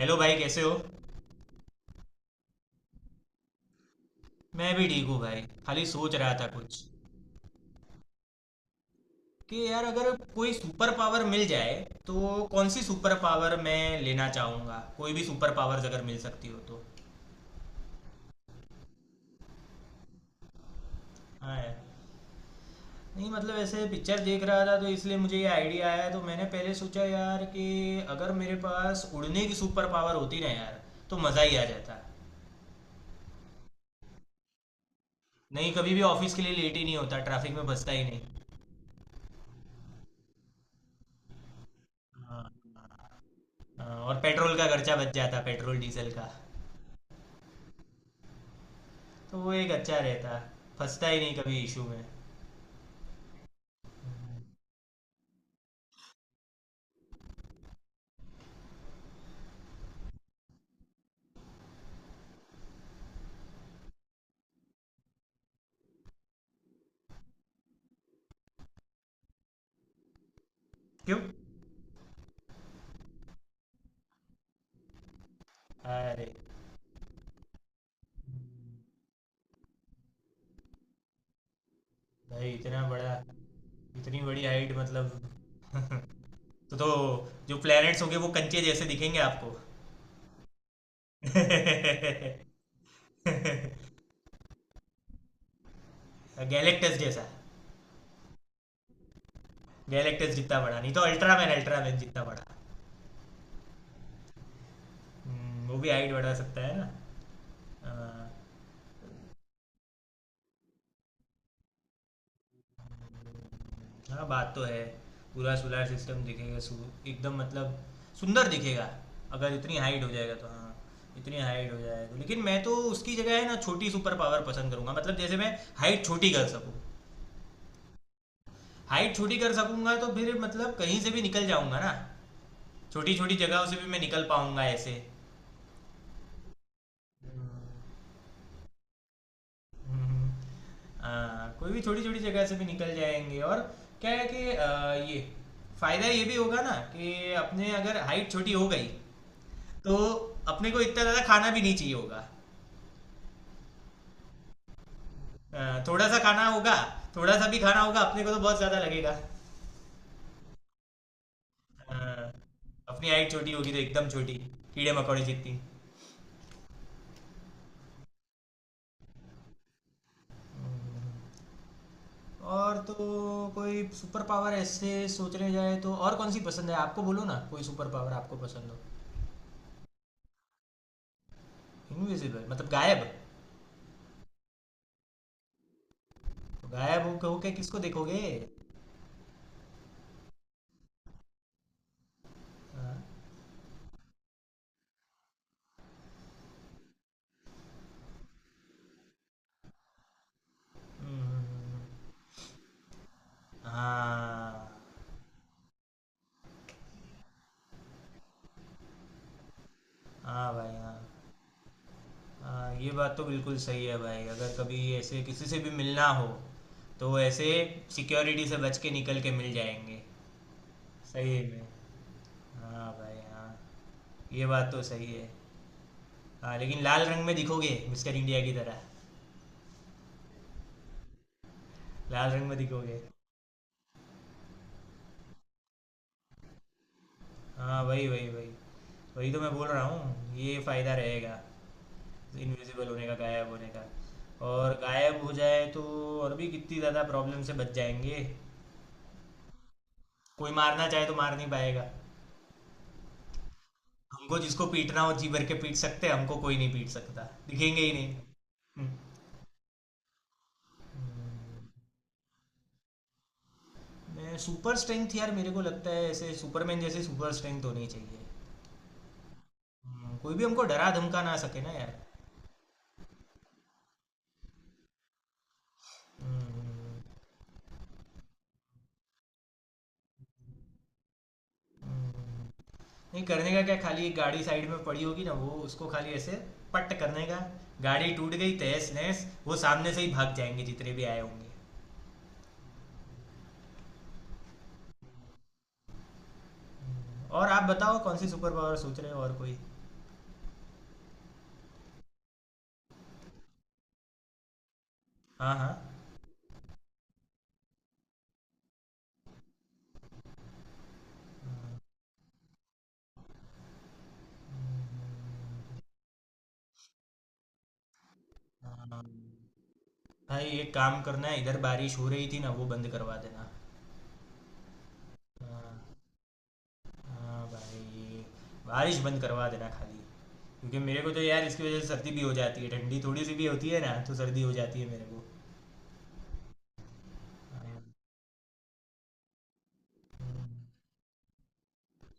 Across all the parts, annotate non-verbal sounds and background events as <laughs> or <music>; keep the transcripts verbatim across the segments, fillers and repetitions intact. Hello भाई, कैसे हो? मैं भी ठीक हूँ भाई। खाली सोच रहा था कुछ। कि यार, अगर कोई सुपर पावर मिल जाए तो कौन सी सुपर पावर मैं लेना चाहूँगा, कोई भी सुपर पावर्स अगर मिल सकती हो तो। हाँ यार। नहीं मतलब ऐसे पिक्चर देख रहा था तो इसलिए मुझे ये आइडिया आया, तो मैंने पहले सोचा यार कि अगर मेरे पास उड़ने की सुपर पावर होती ना यार, तो मज़ा ही आ जाता। नहीं, कभी भी ऑफिस के लिए लेट ही नहीं होता, ट्रैफिक में फंसता ही नहीं। हाँ। हाँ, और पेट्रोल का खर्चा बच जाता, पेट्रोल डीजल का। तो वो एक अच्छा रहता। फंसता ही नहीं कभी इशू में। क्यों? अरे, भाई इतना बड़ा। इतनी बड़ी हाइट मतलब। <laughs> तो तो जो प्लैनेट्स होंगे वो कंचे जैसे दिखेंगे आपको। <laughs> गैलेक्टस जैसा। गैलेक्टस जितना बड़ा नहीं तो अल्ट्रामैन अल्ट्रामैन जितना बड़ा। हम्म, वो भी हाइट बढ़ा सकता है ना। हाँ, बात तो है। पूरा सोलर सिस्टम दिखेगा सु एकदम मतलब सुंदर दिखेगा। अगर इतनी हाइट हो जाएगा तो, हाँ। इतनी हाइट हो जाएगा तो, लेकिन मैं तो उसकी जगह है ना छोटी सुपर पावर पसंद करूंगा, मतलब जैसे मैं हाइट छोटी कर सकूँ। हाइट छोटी कर सकूंगा तो फिर मतलब कहीं से भी निकल जाऊंगा ना। छोटी छोटी जगहों से भी मैं निकल पाऊंगा ऐसे। हम्म। हाँ, कोई भी छोटी छोटी जगह से भी निकल जाएंगे। और क्या है कि अ, ये फायदा ये भी होगा ना कि अपने अगर हाइट छोटी हो गई तो अपने को इतना ज्यादा खाना भी नहीं चाहिए होगा। अ, थोड़ा सा खाना होगा। थोड़ा सा भी खाना होगा अपने को तो बहुत ज्यादा लगेगा। अ, अपनी हाइट छोटी होगी तो एकदम छोटी, कीड़े मकोड़े जितनी। हम्म, और तो कोई सुपर पावर ऐसे सोचने जाए तो और कौन सी पसंद है आपको, बोलो ना, कोई सुपर पावर आपको पसंद हो? इनविजिबल मतलब गायब? तो गायब हो कहो के किसको देखोगे? हाँ। हम्म। हाँ हाँ भाई हाँ। हाँ, ये बात तो बिल्कुल सही है भाई, अगर कभी ऐसे किसी से भी मिलना हो तो ऐसे सिक्योरिटी से बच के निकल के मिल जाएंगे। सही में। हाँ भाई हाँ। ये बात तो सही है। हाँ, लेकिन लाल रंग में दिखोगे, मिस्टर इंडिया की तरह। लाल रंग में दिखोगे। हाँ, वही वही वही। वही तो मैं बोल रहा हूँ, ये फ़ायदा रहेगा, इनविजिबल होने का, गायब होने का। और गायब हो जाए तो और भी कितनी ज़्यादा प्रॉब्लम से बच जाएंगे। कोई मारना चाहे तो मार नहीं पाएगा। हमको जिसको पीटना हो जी भर के पीट सकते हैं, हमको कोई नहीं पीट सकता। दिखेंगे ही नहीं। हम्म। मैं सुपर स्ट्रेंथ, यार मेरे को लगता है ऐसे सुपरमैन जैसे सुपर स्ट्रेंथ होनी चाहिए। हम्म, कोई भी हमको डरा धमका ना सके ना यार। हम्म, हम्म। नहीं, करने का क्या, खाली एक गाड़ी साइड में पड़ी होगी ना, वो उसको खाली ऐसे पट करने का। गाड़ी टूट गई तहस नहस, वो सामने से ही भाग जाएंगे जितने भी आए होंगे। और आप बताओ कौन सी सुपर पावर सोच रहे हो, और कोई? हाँ हाँ। हाँ, भाई एक काम करना है, इधर बारिश हो रही थी ना, वो बंद करवा देना। हाँ। हाँ भाई। बारिश बंद करवा देना खाली। क्योंकि मेरे को तो यार इसकी वजह से सर्दी भी हो जाती है, ठंडी थोड़ी सी भी होती है ना तो सर्दी हो जाती है मेरे को।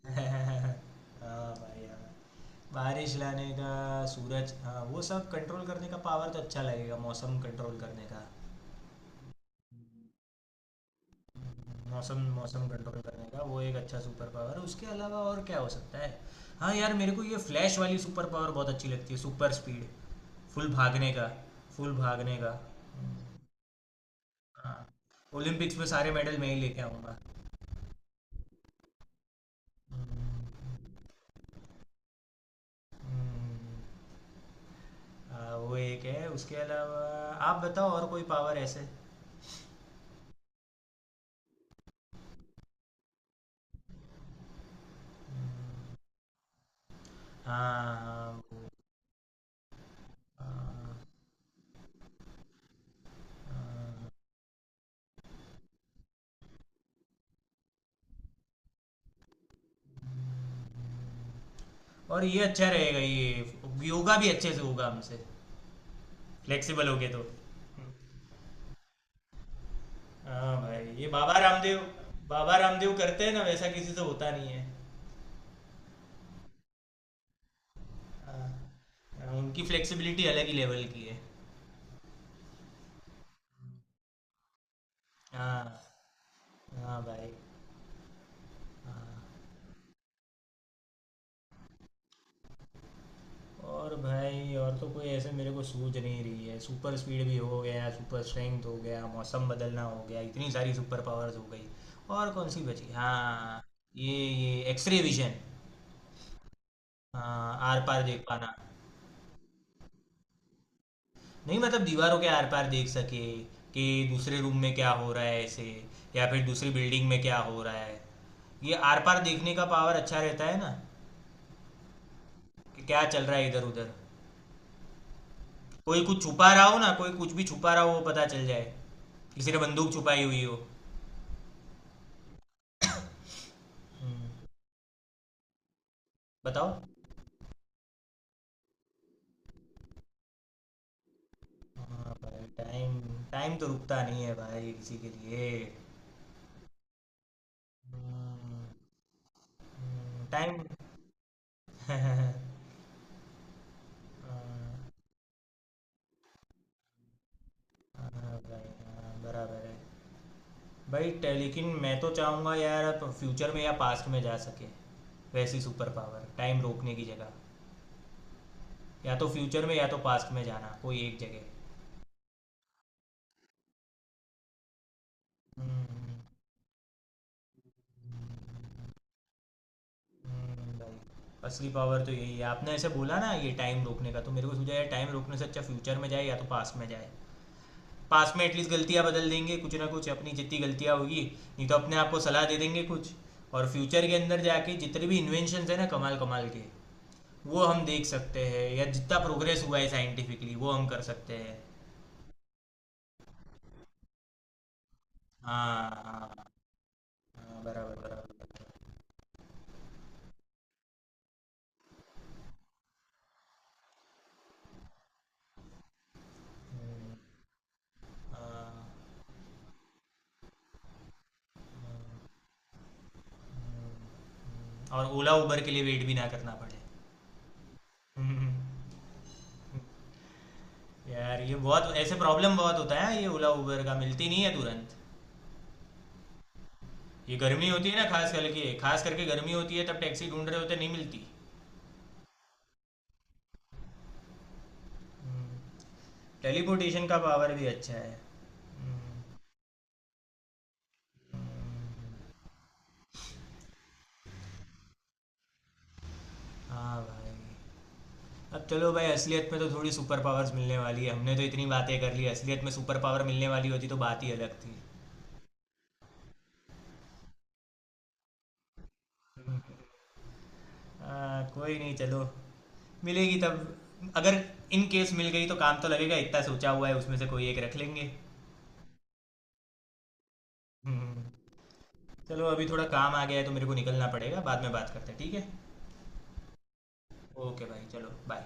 हाँ हाँ भाई हाँ। बारिश लाने का, सूरज, हाँ, वो सब कंट्रोल करने का पावर तो अच्छा लगेगा, मौसम कंट्रोल करने का। मौसम, मौसम कंट्रोल करने का, वो एक अच्छा सुपर पावर है, उसके अलावा और क्या हो सकता है? हाँ यार, मेरे को ये फ्लैश वाली सुपर पावर बहुत अच्छी लगती है, सुपर स्पीड। फुल भागने का। फुल भागने का। हाँ, ओलंपिक्स में सारे मेडल मैं ही लेके आऊँगा। हाँ, वो एक है, उसके अलावा आप बताओ और कोई पावर ऐसे? हाँ हाँ, वो। हाँ। और ये अच्छा रहेगा, ये योगा भी अच्छे से होगा हमसे, फ्लेक्सिबल हो गए तो। हाँ भाई, ये बाबा रामदेव, बाबा रामदेव करते हैं ना, वैसा किसी से होता नहीं है। हाँ। हाँ, उनकी फ्लेक्सिबिलिटी अलग ही लेवल की है। हाँ। हाँ भाई। हाँ। और भाई और तो कोई ऐसे मेरे को सूझ नहीं रही है, सुपर स्पीड भी हो गया, सुपर स्ट्रेंथ हो गया, मौसम बदलना हो गया, इतनी सारी सुपर पावर्स हो गई। और कौन सी बची? हाँ, ये ये एक्सरे विजन। हाँ, आर पार देख पाना। नहीं मतलब दीवारों के आर पार देख सके कि दूसरे रूम में क्या हो रहा है ऐसे, या फिर दूसरी बिल्डिंग में क्या हो रहा है। ये आर पार देखने का पावर अच्छा रहता है ना, कि क्या चल रहा है इधर उधर। कोई कुछ छुपा रहा हो ना, कोई कुछ भी छुपा रहा हो वो पता चल जाए। किसी ने बंदूक छुपाई हुई हो। हम्म। बताओ। हाँ भाई, टाइम। टाइम तो रुकता नहीं है भाई किसी के लिए। टाइम। <laughs> हाँ। हाँ भाई हाँ, बराबर है। भाई टे- लेकिन मैं तो चाहूँगा यार, आप फ्यूचर में या पास्ट में जा सके, वैसी सुपर पावर, टाइम रोकने की जगह। या तो फ्यूचर में या तो पास्ट में जाना, कोई एक जगह। हम्म, हम्म। भाई, असली पावर तो यही है, आपने ऐसे बोला ना ये टाइम रोकने का, तो मेरे को सूझा यार टाइम रोकने से अच्छा फ्यूचर में जाए या तो पास्ट में जाए। पास्ट में एटलीस्ट गलतियाँ बदल देंगे, कुछ ना कुछ अपनी जितनी गलतियाँ होगी। नहीं तो अपने आप को सलाह दे देंगे कुछ। और फ्यूचर के अंदर जाके जितने भी इन्वेंशन है ना, कमाल कमाल के, वो हम देख सकते हैं, या जितना प्रोग्रेस हुआ है साइंटिफिकली वो हम कर सकते हैं। हाँ हाँ। हाँ, बराबर बराबर। हम्म। हाँ। हम्म, हम्म, हम्म। और ओला उबर के लिए वेट भी ना करना पड़े। हम्म। यार, ये बहुत ऐसे प्रॉब्लम बहुत होता है, ये ओला उबर का मिलती नहीं है तुरंत। ये गर्मी होती है ना, खास करके खास करके गर्मी होती है तब टैक्सी ढूंढ रहे होते नहीं मिलती। टेलीपोर्टेशन का पावर भी अच्छा है। हम्म, हम्म। हाँ भाई। अब चलो भाई, असलियत में तो थोड़ी सुपर पावर्स मिलने वाली है, हमने तो इतनी बातें कर ली, असलियत में सुपर पावर मिलने वाली होती तो बात ही अलग थी। आ, कोई नहीं, चलो। मिलेगी तब अगर, इन केस मिल गई तो काम तो लगेगा, इतना सोचा हुआ है उसमें से कोई एक रख लेंगे। हम्म। चलो, अभी थोड़ा काम आ गया है तो मेरे को निकलना पड़ेगा, बाद में बात करते हैं, ठीक है? ओके भाई, चलो, बाय।